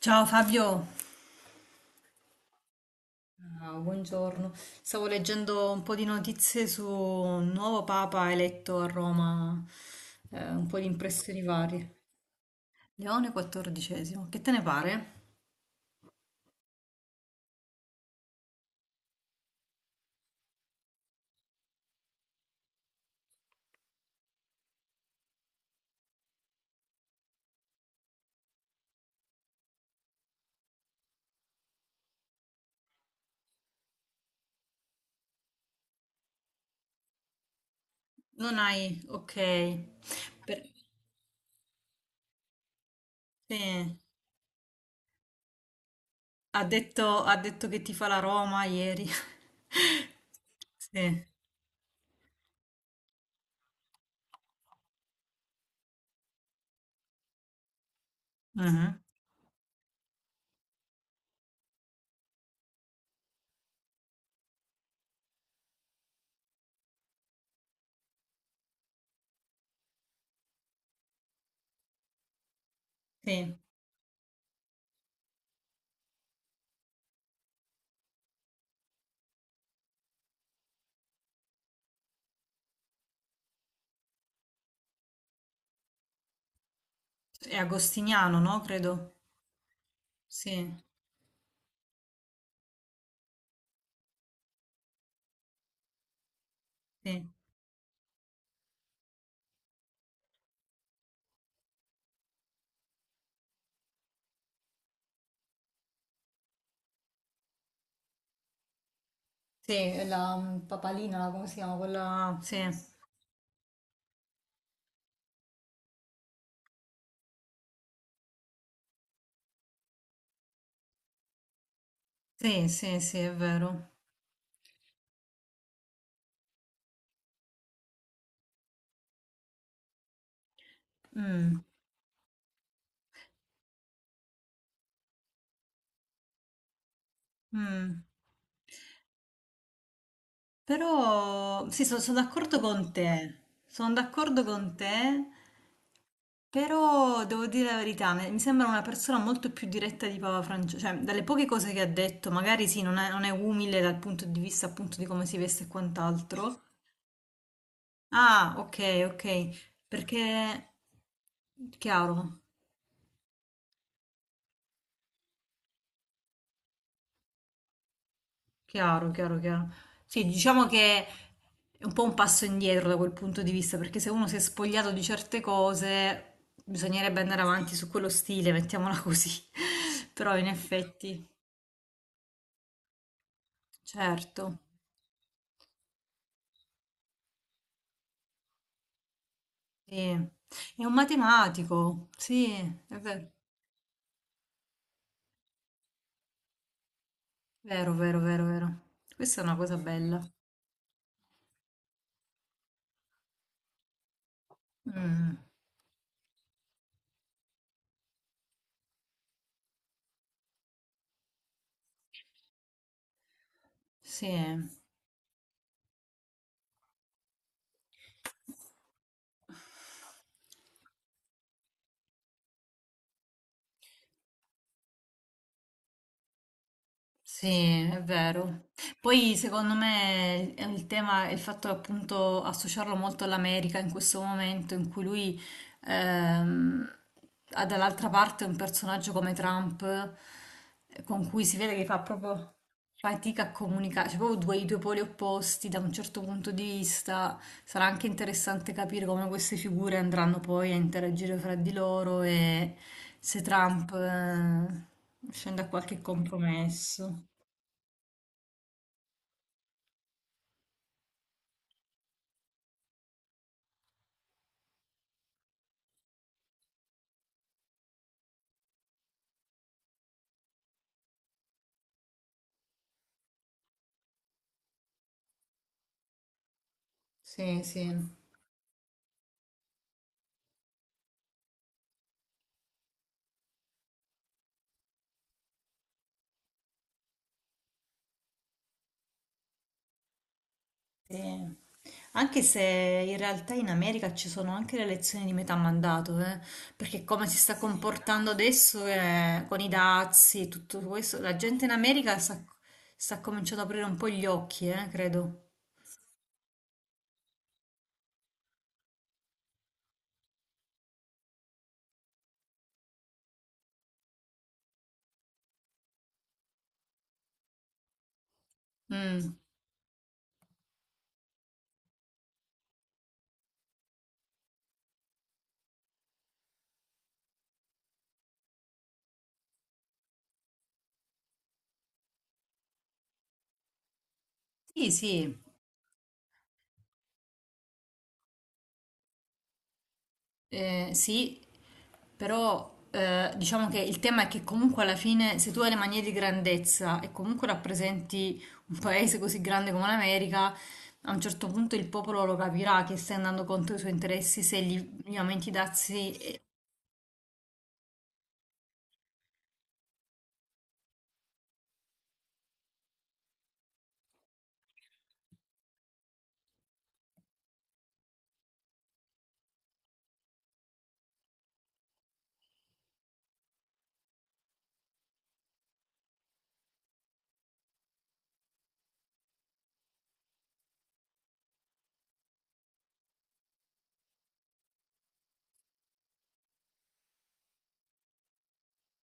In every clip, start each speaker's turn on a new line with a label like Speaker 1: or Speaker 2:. Speaker 1: Ciao Fabio. Ah, buongiorno. Stavo leggendo un po' di notizie su un nuovo papa eletto a Roma, un po' di impressioni varie. Leone XIV, che te ne pare? Non hai... Ok. Per- sì. Ha detto che ti fa la Roma ieri. Sì. Mhm. Sì. È agostiniano, no? Credo. Sì, sì. Sì, è la papalina, come si chiama? Quella... Sì. Sì, sì, sì, è vero. Mm, mm. Però sì, sono d'accordo con te, sono d'accordo con te, però devo dire la verità, mi sembra una persona molto più diretta di Papa Francesco, cioè dalle poche cose che ha detto, magari sì, non è umile dal punto di vista appunto di come si veste e quant'altro. Ah, ok, ok, perché chiaro. Chiaro, chiaro, chiaro. Sì, diciamo che è un po' un passo indietro da quel punto di vista, perché se uno si è spogliato di certe cose, bisognerebbe andare avanti su quello stile, mettiamola così. Però in effetti, certo, sì. È un matematico, sì, è vero, vero, vero, vero, vero. Questa è una cosa bella. Mm, sì. Sì, è vero. Poi secondo me il tema, il fatto appunto associarlo molto all'America in questo momento in cui lui ehm, ha dall'altra parte un personaggio come Trump, con cui si vede che fa proprio fatica a comunicare, cioè proprio i due poli opposti da un certo punto di vista. Sarà anche interessante capire come queste figure andranno poi a interagire fra di loro e se Trump scende a qualche compromesso. Sì, sì, sì. Anche se in realtà in America ci sono anche le elezioni di metà mandato, eh. Perché come si sta comportando adesso con i dazi e tutto questo, la gente in America sta, sta cominciando ad aprire un po' gli occhi, credo. Mm. Sì, sì. Sì, però diciamo che il tema è che comunque alla fine se tu hai le manie di grandezza e comunque rappresenti un paese così grande come l'America, a un certo punto il popolo lo capirà che stai andando contro i suoi interessi se gli aumenti i dazi.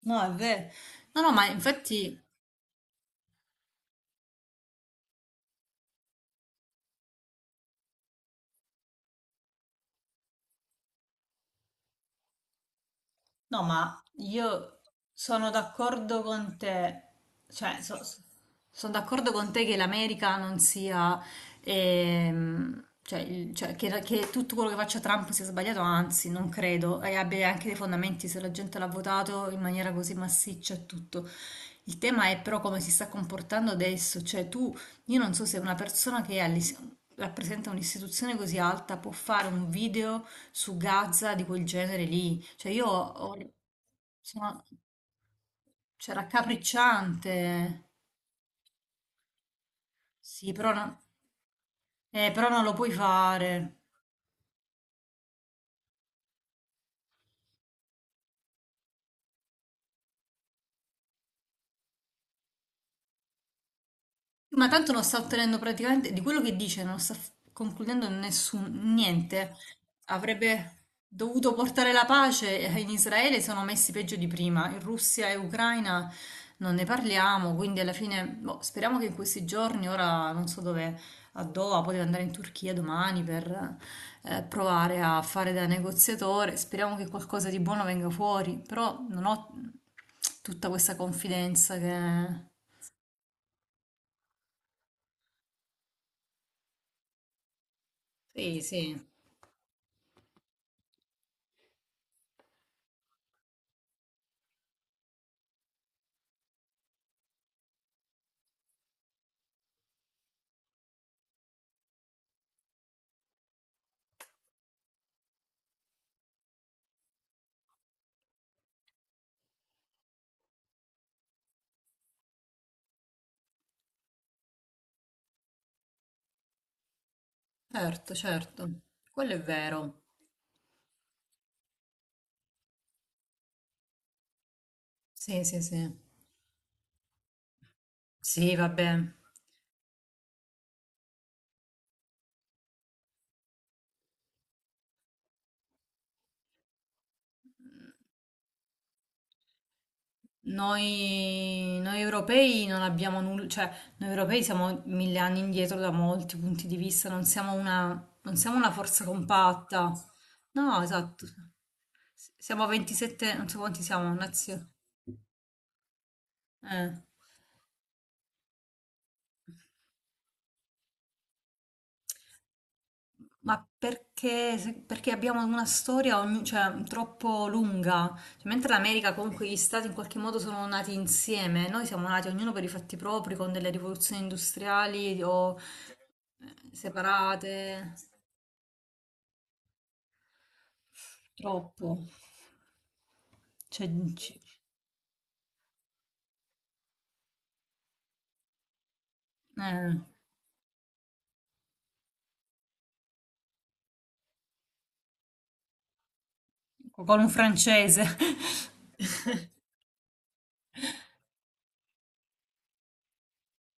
Speaker 1: No, è vero. No, no, ma infatti no, ma io sono d'accordo con te, cioè sono d'accordo con te che l'America non sia, cioè, il- cioè, che tutto quello che faccia Trump sia sbagliato, anzi non credo, e abbia anche dei fondamenti se la gente l'ha votato in maniera così massiccia e tutto. Il tema è però come si sta comportando adesso, cioè tu, io non so se una persona che rappresenta un'istituzione così alta può fare un video su Gaza di quel genere lì. Cioè sono- raccapricciante. Sì, però, però non lo puoi fare. Ma tanto non sta ottenendo praticamente di quello che dice, non sta f- concludendo nessun niente. Avrebbe dovuto portare la pace e in Israele sono messi peggio di prima. In Russia e Ucraina non ne parliamo, quindi alla fine boh, speriamo che in questi giorni, ora non so dove, a Doha, poteva andare in Turchia domani per provare a fare da negoziatore. Speriamo che qualcosa di buono venga fuori, però non ho tutta questa confidenza che... Sì, sì. Certo, certo, quello è vero. Sì, sì, sì. Sì, vabbè. Noi europei non abbiamo nulla, cioè noi europei siamo mille anni indietro da molti punti di vista, non siamo una forza compatta. No, esatto. Siamo 27, non so quanti siamo, nazioni. Ma perché, perché abbiamo una storia cioè, troppo lunga? Cioè, mentre l'America, comunque, gli stati in qualche modo sono nati insieme, noi siamo nati ognuno per i fatti propri, con delle rivoluzioni industriali o separate. Troppo. Cioè, ci- eh, con un francese.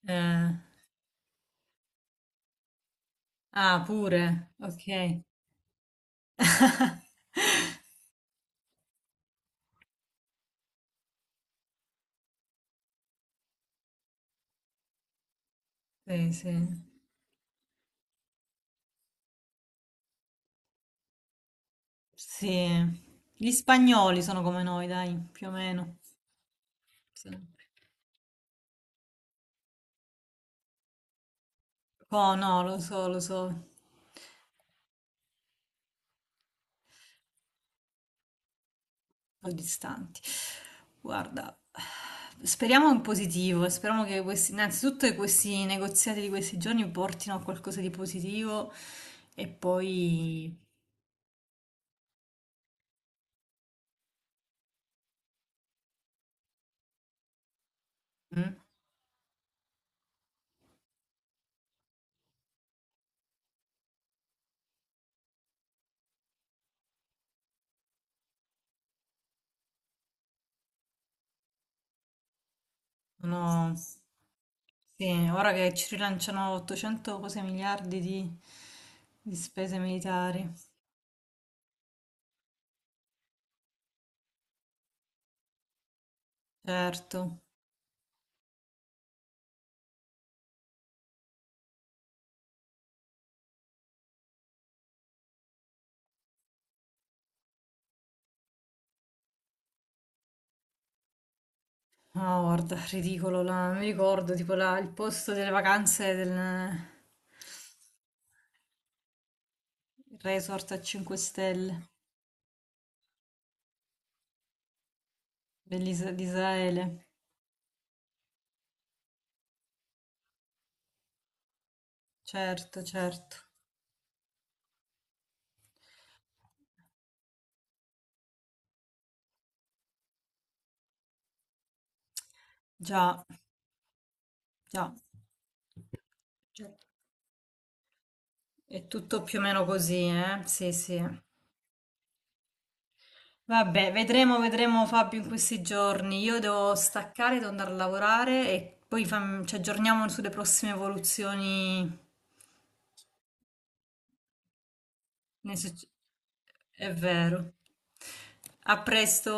Speaker 1: Eh, ah, pure. Ok. Sì, sì. Sì. Gli spagnoli sono come noi, dai, più o meno. Sì. Oh no, lo so, ho gli stanti. Guarda, speriamo in positivo, speriamo che questi, innanzitutto che questi negoziati di questi giorni portino a qualcosa di positivo e poi... Mm, sono- sì, ora che ci rilanciano 800 cose miliardi di spese militari, certo. No, guarda, ridicolo, la- mi ricordo tipo la- il posto delle vacanze del il resort a 5 stelle. Di Israele, certo, certo, già, già, certo. È tutto più o meno così, eh? Sì, sì. Vabbè, vedremo, vedremo Fabio in questi giorni. Io devo staccare, devo andare a lavorare e poi ci aggiorniamo sulle prossime evoluzioni. nei succe- È vero. A presto.